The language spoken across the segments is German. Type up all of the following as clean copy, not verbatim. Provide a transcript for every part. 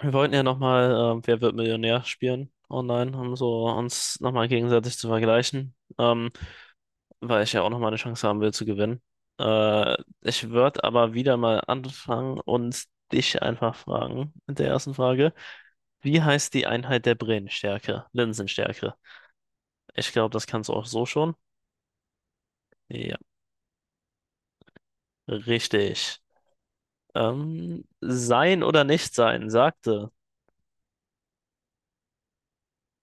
Wir wollten ja nochmal Wer wird Millionär spielen online, um so uns nochmal gegenseitig zu vergleichen, weil ich ja auch nochmal eine Chance haben will zu gewinnen. Äh, Ich würde aber wieder mal anfangen und dich einfach fragen mit der ersten Frage. Wie heißt die Einheit der Brennstärke? Linsenstärke. Ich glaube, das kannst du auch so schon. Ja, richtig. Sein oder nicht sein, sagte.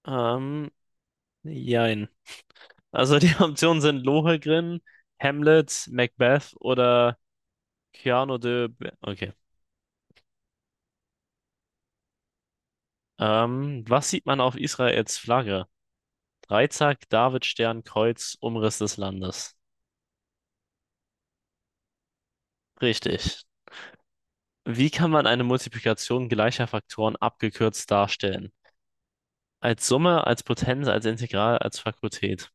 Ähm, Jein. Also die Optionen sind Lohengrin, Hamlet, Macbeth oder Cyrano de... Okay. Was sieht man auf Israels Flagge? Dreizack, Davidstern, Kreuz, Umriss des Landes. Richtig. Wie kann man eine Multiplikation gleicher Faktoren abgekürzt darstellen? Als Summe, als Potenz, als Integral, als Fakultät.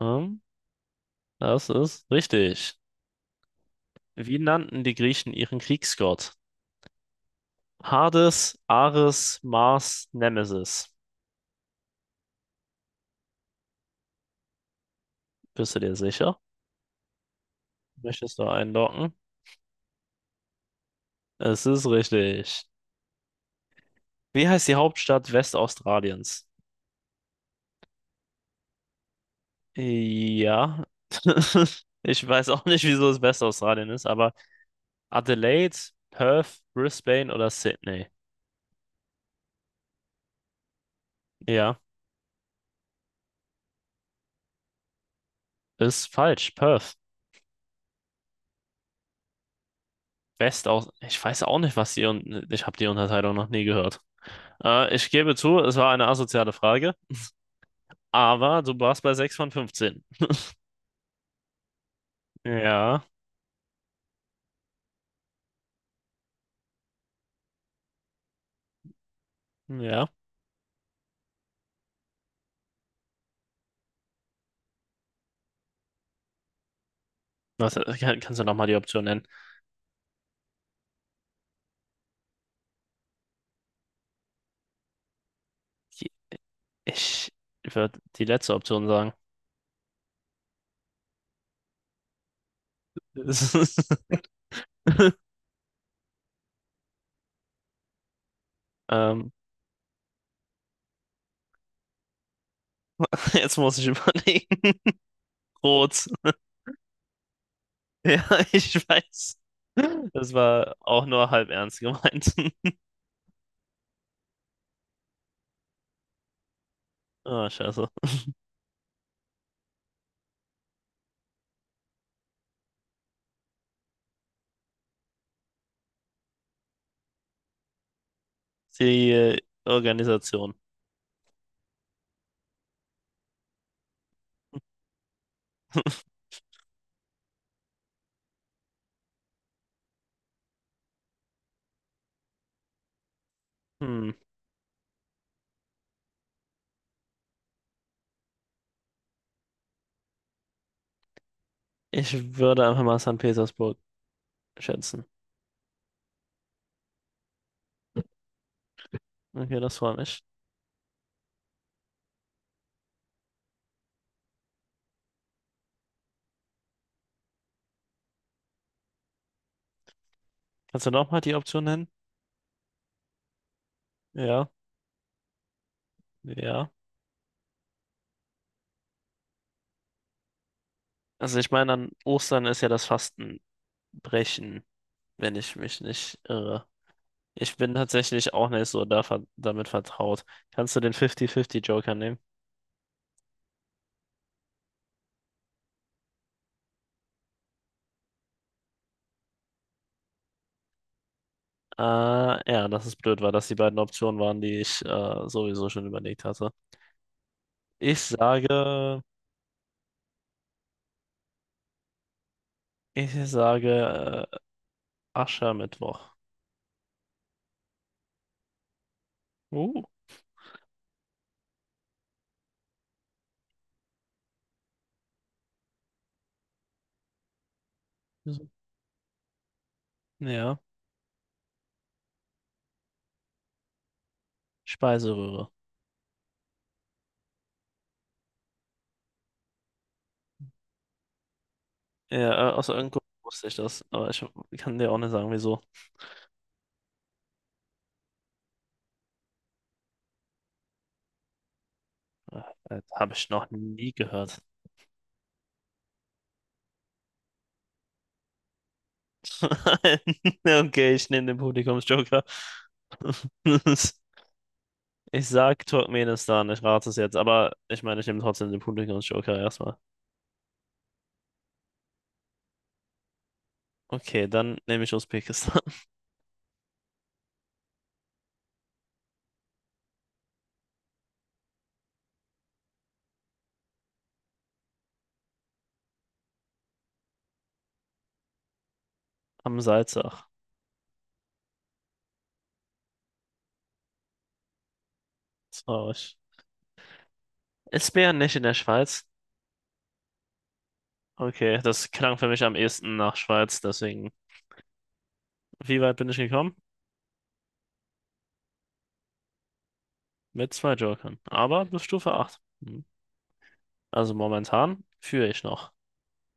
Hm? Das ist richtig. Wie nannten die Griechen ihren Kriegsgott? Hades, Ares, Mars, Nemesis. Bist du dir sicher? Möchtest du einloggen? Es ist richtig. Wie heißt die Hauptstadt Westaustraliens? Ja. Ich weiß auch nicht, wieso es Westaustralien ist, aber Adelaide, Perth, Brisbane oder Sydney? Ja, ist falsch. Perth. Westaus. Ich weiß auch nicht, was die und ich habe die Unterteilung noch nie gehört. Ich gebe zu, es war eine asoziale Frage, aber du warst bei 6 von 15. Ja, ja. Kannst du nochmal die Option nennen? Ich würde die letzte Option sagen. Ähm, Jetzt muss ich überlegen. Rot. Ja, ich weiß. Das war auch nur halb ernst gemeint. Oh, scheiße. Die Organisation. Hm. Ich würde einfach mal St. Petersburg schätzen. Okay, das freut mich. Kannst du nochmal die Option nennen? Ja, ja. Also ich meine, an Ostern ist ja das Fastenbrechen, wenn ich mich nicht irre. Ich bin tatsächlich auch nicht so da, damit vertraut. Kannst du den 50-50-Joker nehmen? Äh, ja, dass es blöd war, dass die beiden Optionen waren, die ich sowieso schon überlegt hatte. Ich sage, ich sage Aschermittwoch. Uh, Wieso? Ja, Speiseröhre. Ja, aus irgendeinem Grund wusste ich das, aber ich kann dir auch nicht sagen, wieso. Äh, Habe ich noch nie gehört. Okay, ich nehme den Publikumsjoker. Ich sag Turkmenistan, ich rate es jetzt, aber ich meine, ich nehme trotzdem den Publikumsjoker erstmal. Okay, dann nehme ich Usbekistan. Am Salzach. Traurig. Ist Bern nicht in der Schweiz? Okay, das klang für mich am ehesten nach Schweiz, deswegen. Wie weit bin ich gekommen? Mit zwei Jokern, aber bis Stufe 8. Hm. Also momentan führe ich noch.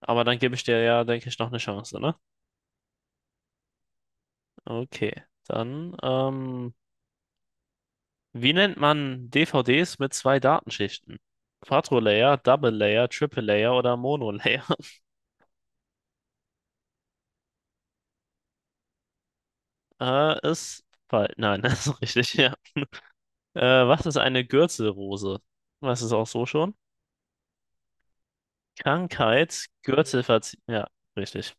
Aber dann gebe ich dir ja, denke ich, noch eine Chance, ne? Okay, dann wie nennt man DVDs mit zwei Datenschichten? Quadro-Layer, Double-Layer, Triple-Layer oder Mono-Layer? Ist falsch. Nein, das ist richtig, ja. Was ist eine Gürtelrose? Was ist auch so schon? Krankheit, Gürtelverzieh. Ja, richtig.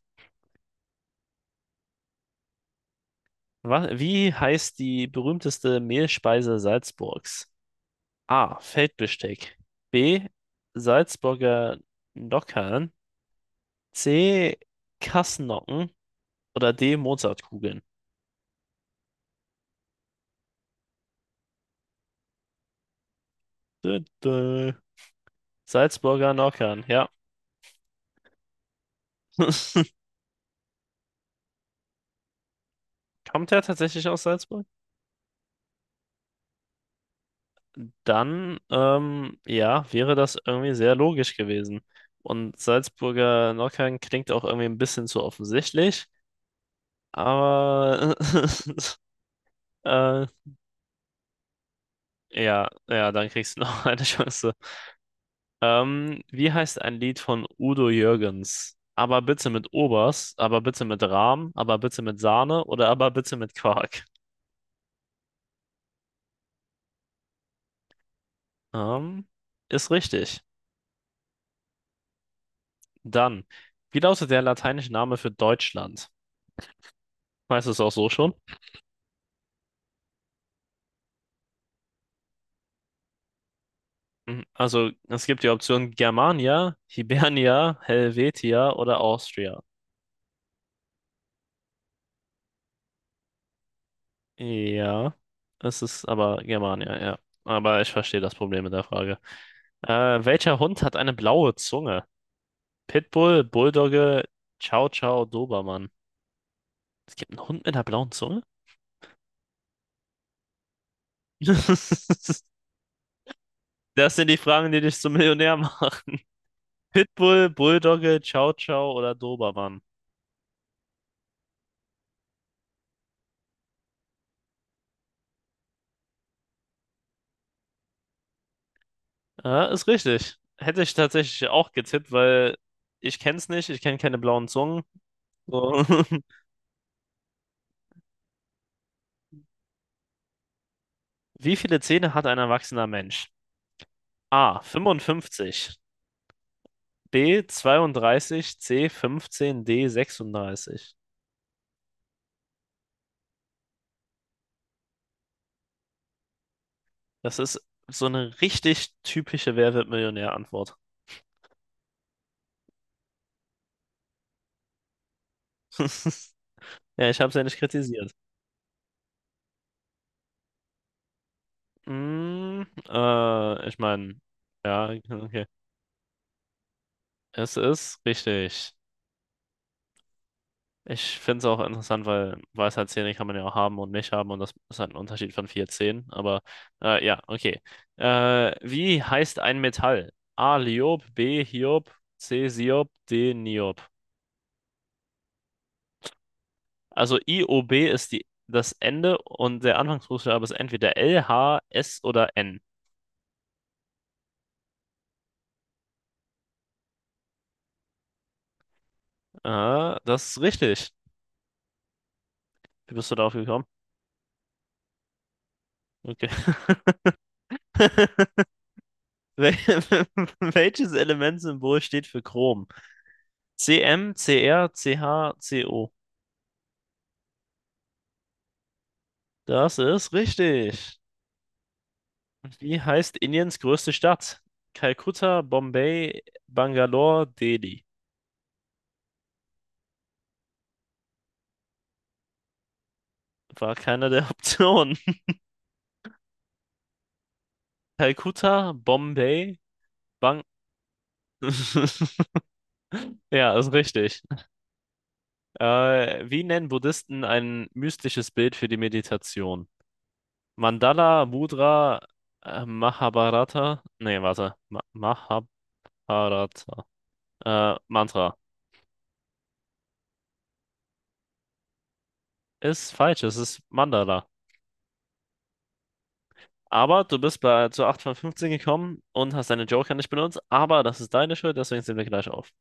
Wie heißt die berühmteste Mehlspeise Salzburgs? A. Feldbesteck. B. Salzburger Nockern. C. Kassnocken. Oder D. Mozartkugeln. Dö, dö. Salzburger Nockern, ja. Kommt er tatsächlich aus Salzburg? Dann, ja, wäre das irgendwie sehr logisch gewesen. Und Salzburger Nockern klingt auch irgendwie ein bisschen zu offensichtlich, aber äh, ja, ja, dann kriegst du noch eine Chance. Wie heißt ein Lied von Udo Jürgens? Aber bitte mit Obers, aber bitte mit Rahm, aber bitte mit Sahne oder aber bitte mit Quark? Ähm, Ist richtig. Dann, wie lautet der lateinische Name für Deutschland? Weißt du es auch so schon? Mhm. Also, es gibt die Option Germania, Hibernia, Helvetia oder Austria. Ja, es ist aber Germania, ja. Aber ich verstehe das Problem mit der Frage. Welcher Hund hat eine blaue Zunge? Pitbull, Bulldogge, Chow Chow, Dobermann. Es gibt einen Hund mit einer blauen Zunge? Das sind die Fragen, die dich zum Millionär machen. Pitbull, Bulldogge, Chow Chow oder Dobermann? Ja, ist richtig. Hätte ich tatsächlich auch getippt, weil ich kenne es nicht, ich kenne keine blauen Zungen. So. Wie viele Zähne hat ein erwachsener Mensch? A. 55 B. 32 C. 15 D. 36. Das ist so eine richtig typische Wer wird Millionär-Antwort. Ja, ich habe es ja nicht kritisiert. Mm, Ich meine, ja, okay. Es ist richtig. Ich finde es auch interessant, weil Weisheitszähne kann man ja auch haben und nicht haben und das ist halt ein Unterschied von vier Zähnen. Aber ja, okay. Wie heißt ein Metall? A. Liob, B. Hiob, C. Siob, D. Niob. Also IOB ist die, das Ende und der Anfangsbuchstabe ist entweder L, H, S oder N. Ah, das ist richtig. Wie bist du darauf gekommen? Okay. Wel- Welches Elementsymbol steht für Chrom? C C M C R C H C O. Das ist richtig. Und wie heißt Indiens größte Stadt? Kalkutta, Bombay, Bangalore, Delhi. War keine der Optionen. Kalkutta, Bombay, Bang. Ja, ist richtig. Wie nennen Buddhisten ein mystisches Bild für die Meditation? Mandala, Mudra, Mahabharata. Nee, warte. Ma Mahabharata. Mantra. Ist falsch, es ist Mandala. Aber du bist zu 8 von 15 gekommen und hast deine Joker nicht benutzt. Aber das ist deine Schuld, deswegen sind wir gleich auf.